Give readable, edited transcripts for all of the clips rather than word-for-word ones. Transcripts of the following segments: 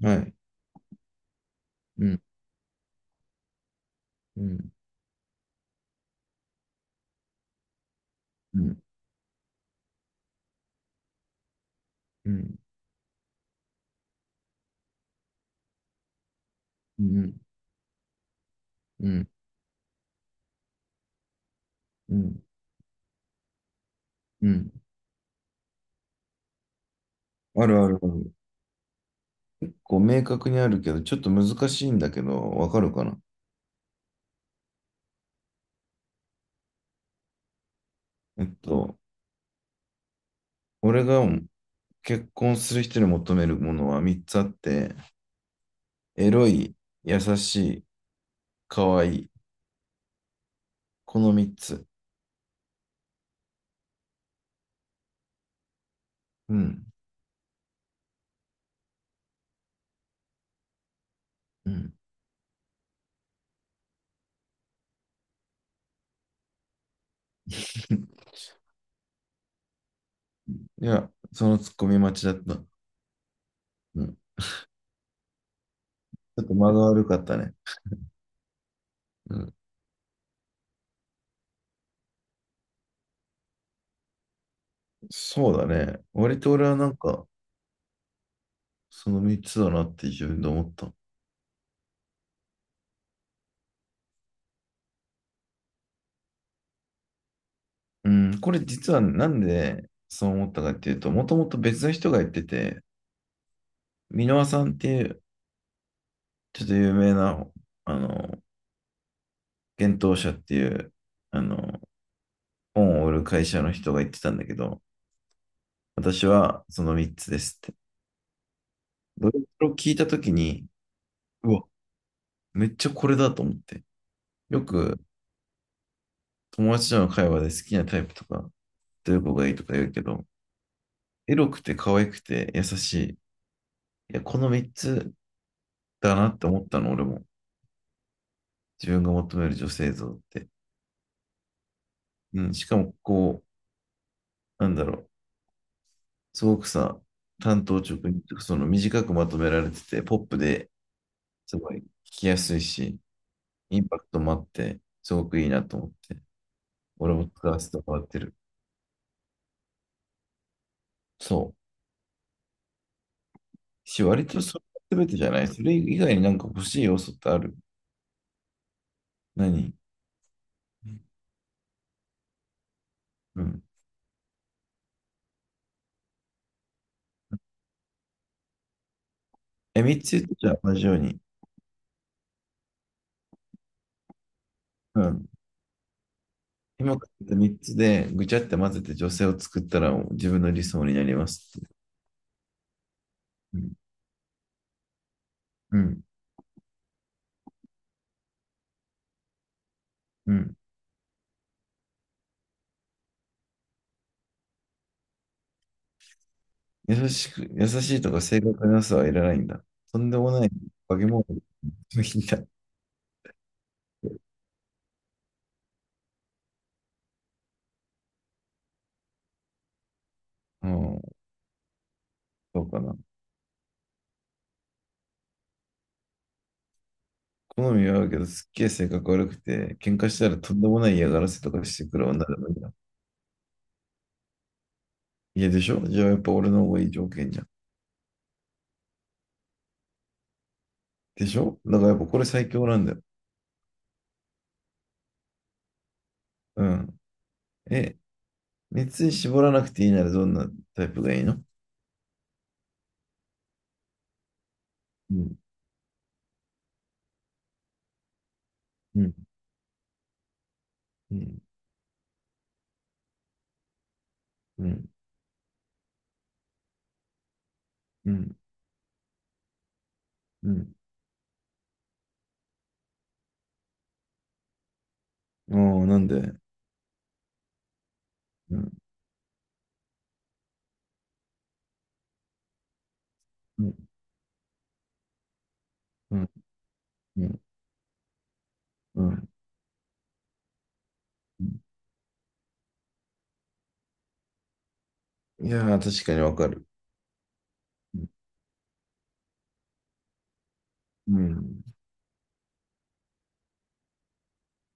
はい。うん、うん、うん、うん、うん、うん、うん、うん。あるあるある。こう、明確にあるけど、ちょっと難しいんだけど、わかるかな？えっと、俺が結婚する人に求めるものは3つあって、エロい、優しい、可愛い。この3つ。うん、うん。いや、そのツッコミ待ちだった。うん。ちょっと間が悪かったね。うん。そうだね。割と俺はなんか、その3つだなって自分で思った。うん、これ実はなんでそう思ったかっていうと、もともと別の人が言ってて、箕輪さんっていうちょっと有名な、あの、幻冬舎っていう、あの、本を売る会社の人が言ってたんだけど、私はその3つですって。どれを聞いたときに、うわ、めっちゃこれだと思って。よく友達との会話で好きなタイプとか、どういう子がいいとか言うけど、エロくて可愛くて優しい。いや、この3つだなって思ったの、俺も。自分が求める女性像って。うん。しかも、こう、なんだろう、すごくさ、単刀直入とかその短くまとめられてて、ポップですごい聞きやすいし、インパクトもあって、すごくいいなと思って、俺も使わせてもらってる。そう。割とそれが全てじゃない。それ以外になんか欲しい要素ってある？何？うん。え、3つ言ってじゃあ同じように。うん。今から言った3つでぐちゃって混ぜて女性を作ったら自分の理想になりますって。うん。うん。うん。優しいとか正確なさはいらないんだ。とんでもない化け物の日だって。うん、そうかな。好みは合うけど、すっげえ性格悪くて、喧嘩したらとんでもない嫌がらせとかしてくる女だもんだ。いやでしょ、じゃあやっぱ俺の方がいい条件じゃん。でしょ、だからやっぱこれ最強なんだよ。うん。え、熱に絞らなくていいならどんなタイプがいいの？うん、うん、うん、うん、うん、うん。ああ、なんで？うん、うん、うん、うん。うん、いやー、確かにわかる。うん、うん、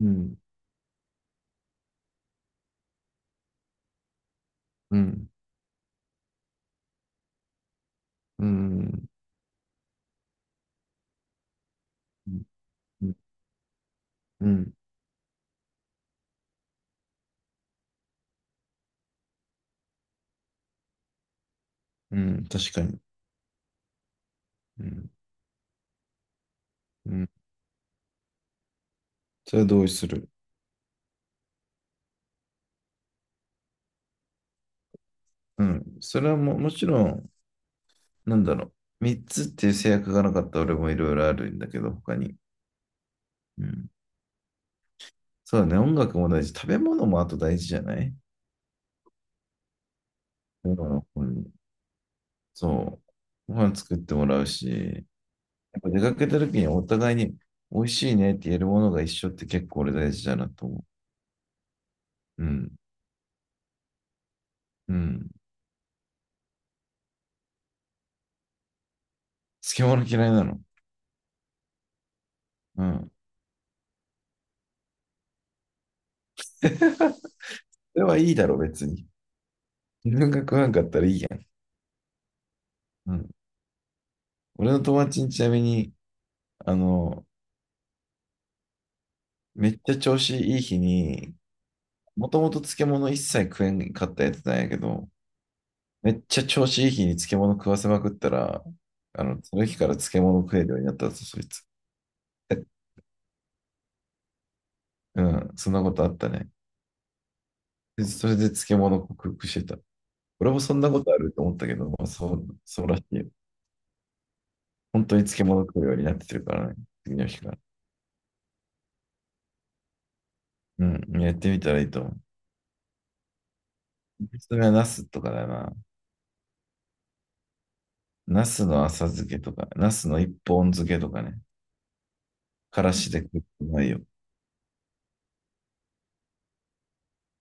うん、うん、うん、うん、うん、うん、確かに。うん、うん。それは同意する。うん。それは、もちろん、なんだろう。三つっていう制約がなかったら俺もいろいろあるんだけど、他に。うん。そうだね。音楽も大事。食べ物もあと大事じゃない？うん、そう。ご飯作ってもらうし、やっぱ出かけた時にお互いに美味しいねって言えるものが一緒って結構俺大事だなと思う。うん。うん。漬物嫌いなの？うん。それはいいだろ、別に。自分が食わんかったらいいやん。うん。俺の友達にちなみに、あの、めっちゃ調子いい日に、もともと漬物一切食えんかったやつなんやけど、めっちゃ調子いい日に漬物食わせまくったら、その日から漬物食えるようになったぞ、そいつ。えうん、そんなことあったね。でそれで漬物克服してた。俺もそんなことあると思ったけど、まあ、そうらしいよ。本当に漬物食うようになってるからね、次の日から。うん、やってみたらいいと思う。それはナスとかだな。ナスの浅漬けとか、ナスの一本漬けとかね。からしで食ってないよ。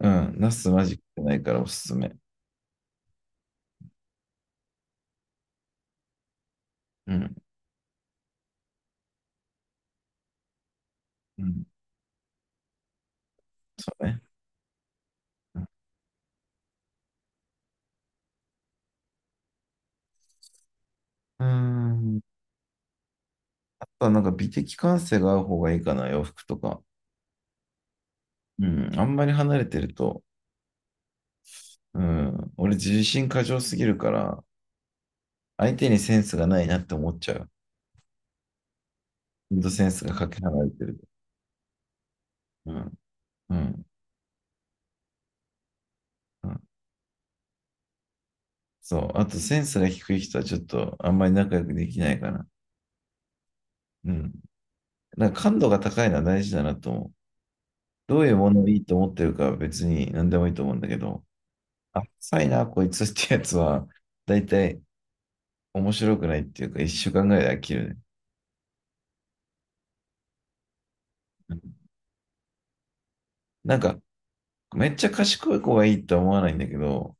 うん。ナスマジ食ってないからおすすめ。うん。うん。そうね。うん。あとはなんか美的感性が合う方がいいかな、洋服とか。うん。あんまり離れてると、うん。俺自信過剰すぎるから、相手にセンスがないなって思っちゃう。ほんとセンスがかけ離れてる。うん。うん。うん、そう。あとセンスが低い人はちょっとあんまり仲良くできないかな。うん。なんか感度が高いのは大事だなと思う。どういうものをいいと思ってるかは別に何でもいいと思うんだけど、あ、さいな、こいつってやつは、だいたい面白くないっていうか、一週間ぐらいで飽きるね。なんか、めっちゃ賢い子がいいとは思わないんだけど、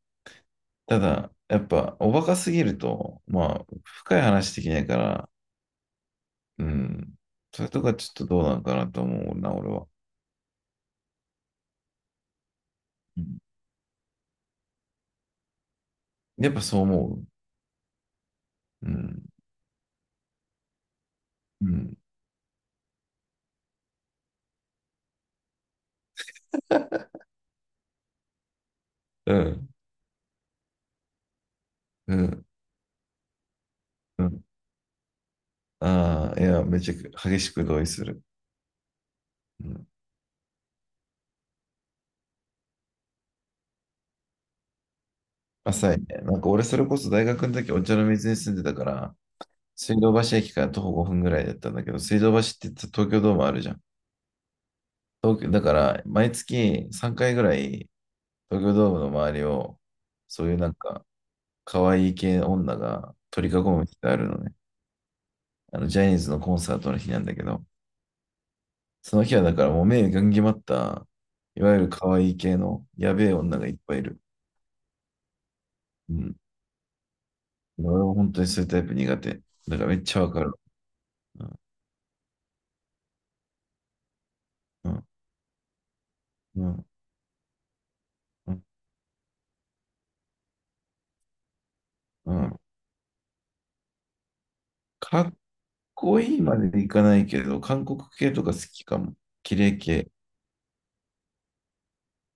ただ、やっぱ、おバカすぎると、まあ、深い話できないから、うん、それとかちょっとどうなのかなと思うな、俺は。うん、やっぱそう思う。うん、うん、うん、うん、うん。ああ、いや、めちゃく激しく同意する。うん、浅いね。なんか俺それこそ大学の時お茶の水に住んでたから、水道橋駅から徒歩5分ぐらいだったんだけど、水道橋って言ったら東京ドームあるじゃん。東京、だから毎月3回ぐらい東京ドームの周りを、そういうなんか可愛い系女が取り囲む日があるのね。ジャニーズのコンサートの日なんだけど、その日はだからもう目がんぎまった、いわゆる可愛い系のやべえ女がいっぱいいる。うん、俺は本当にそういうタイプ苦手。だからめっちゃわかる。うん、うん、うん、うん。うん、かっこいいまでいかないけど、韓国系とか好きかも。綺麗系。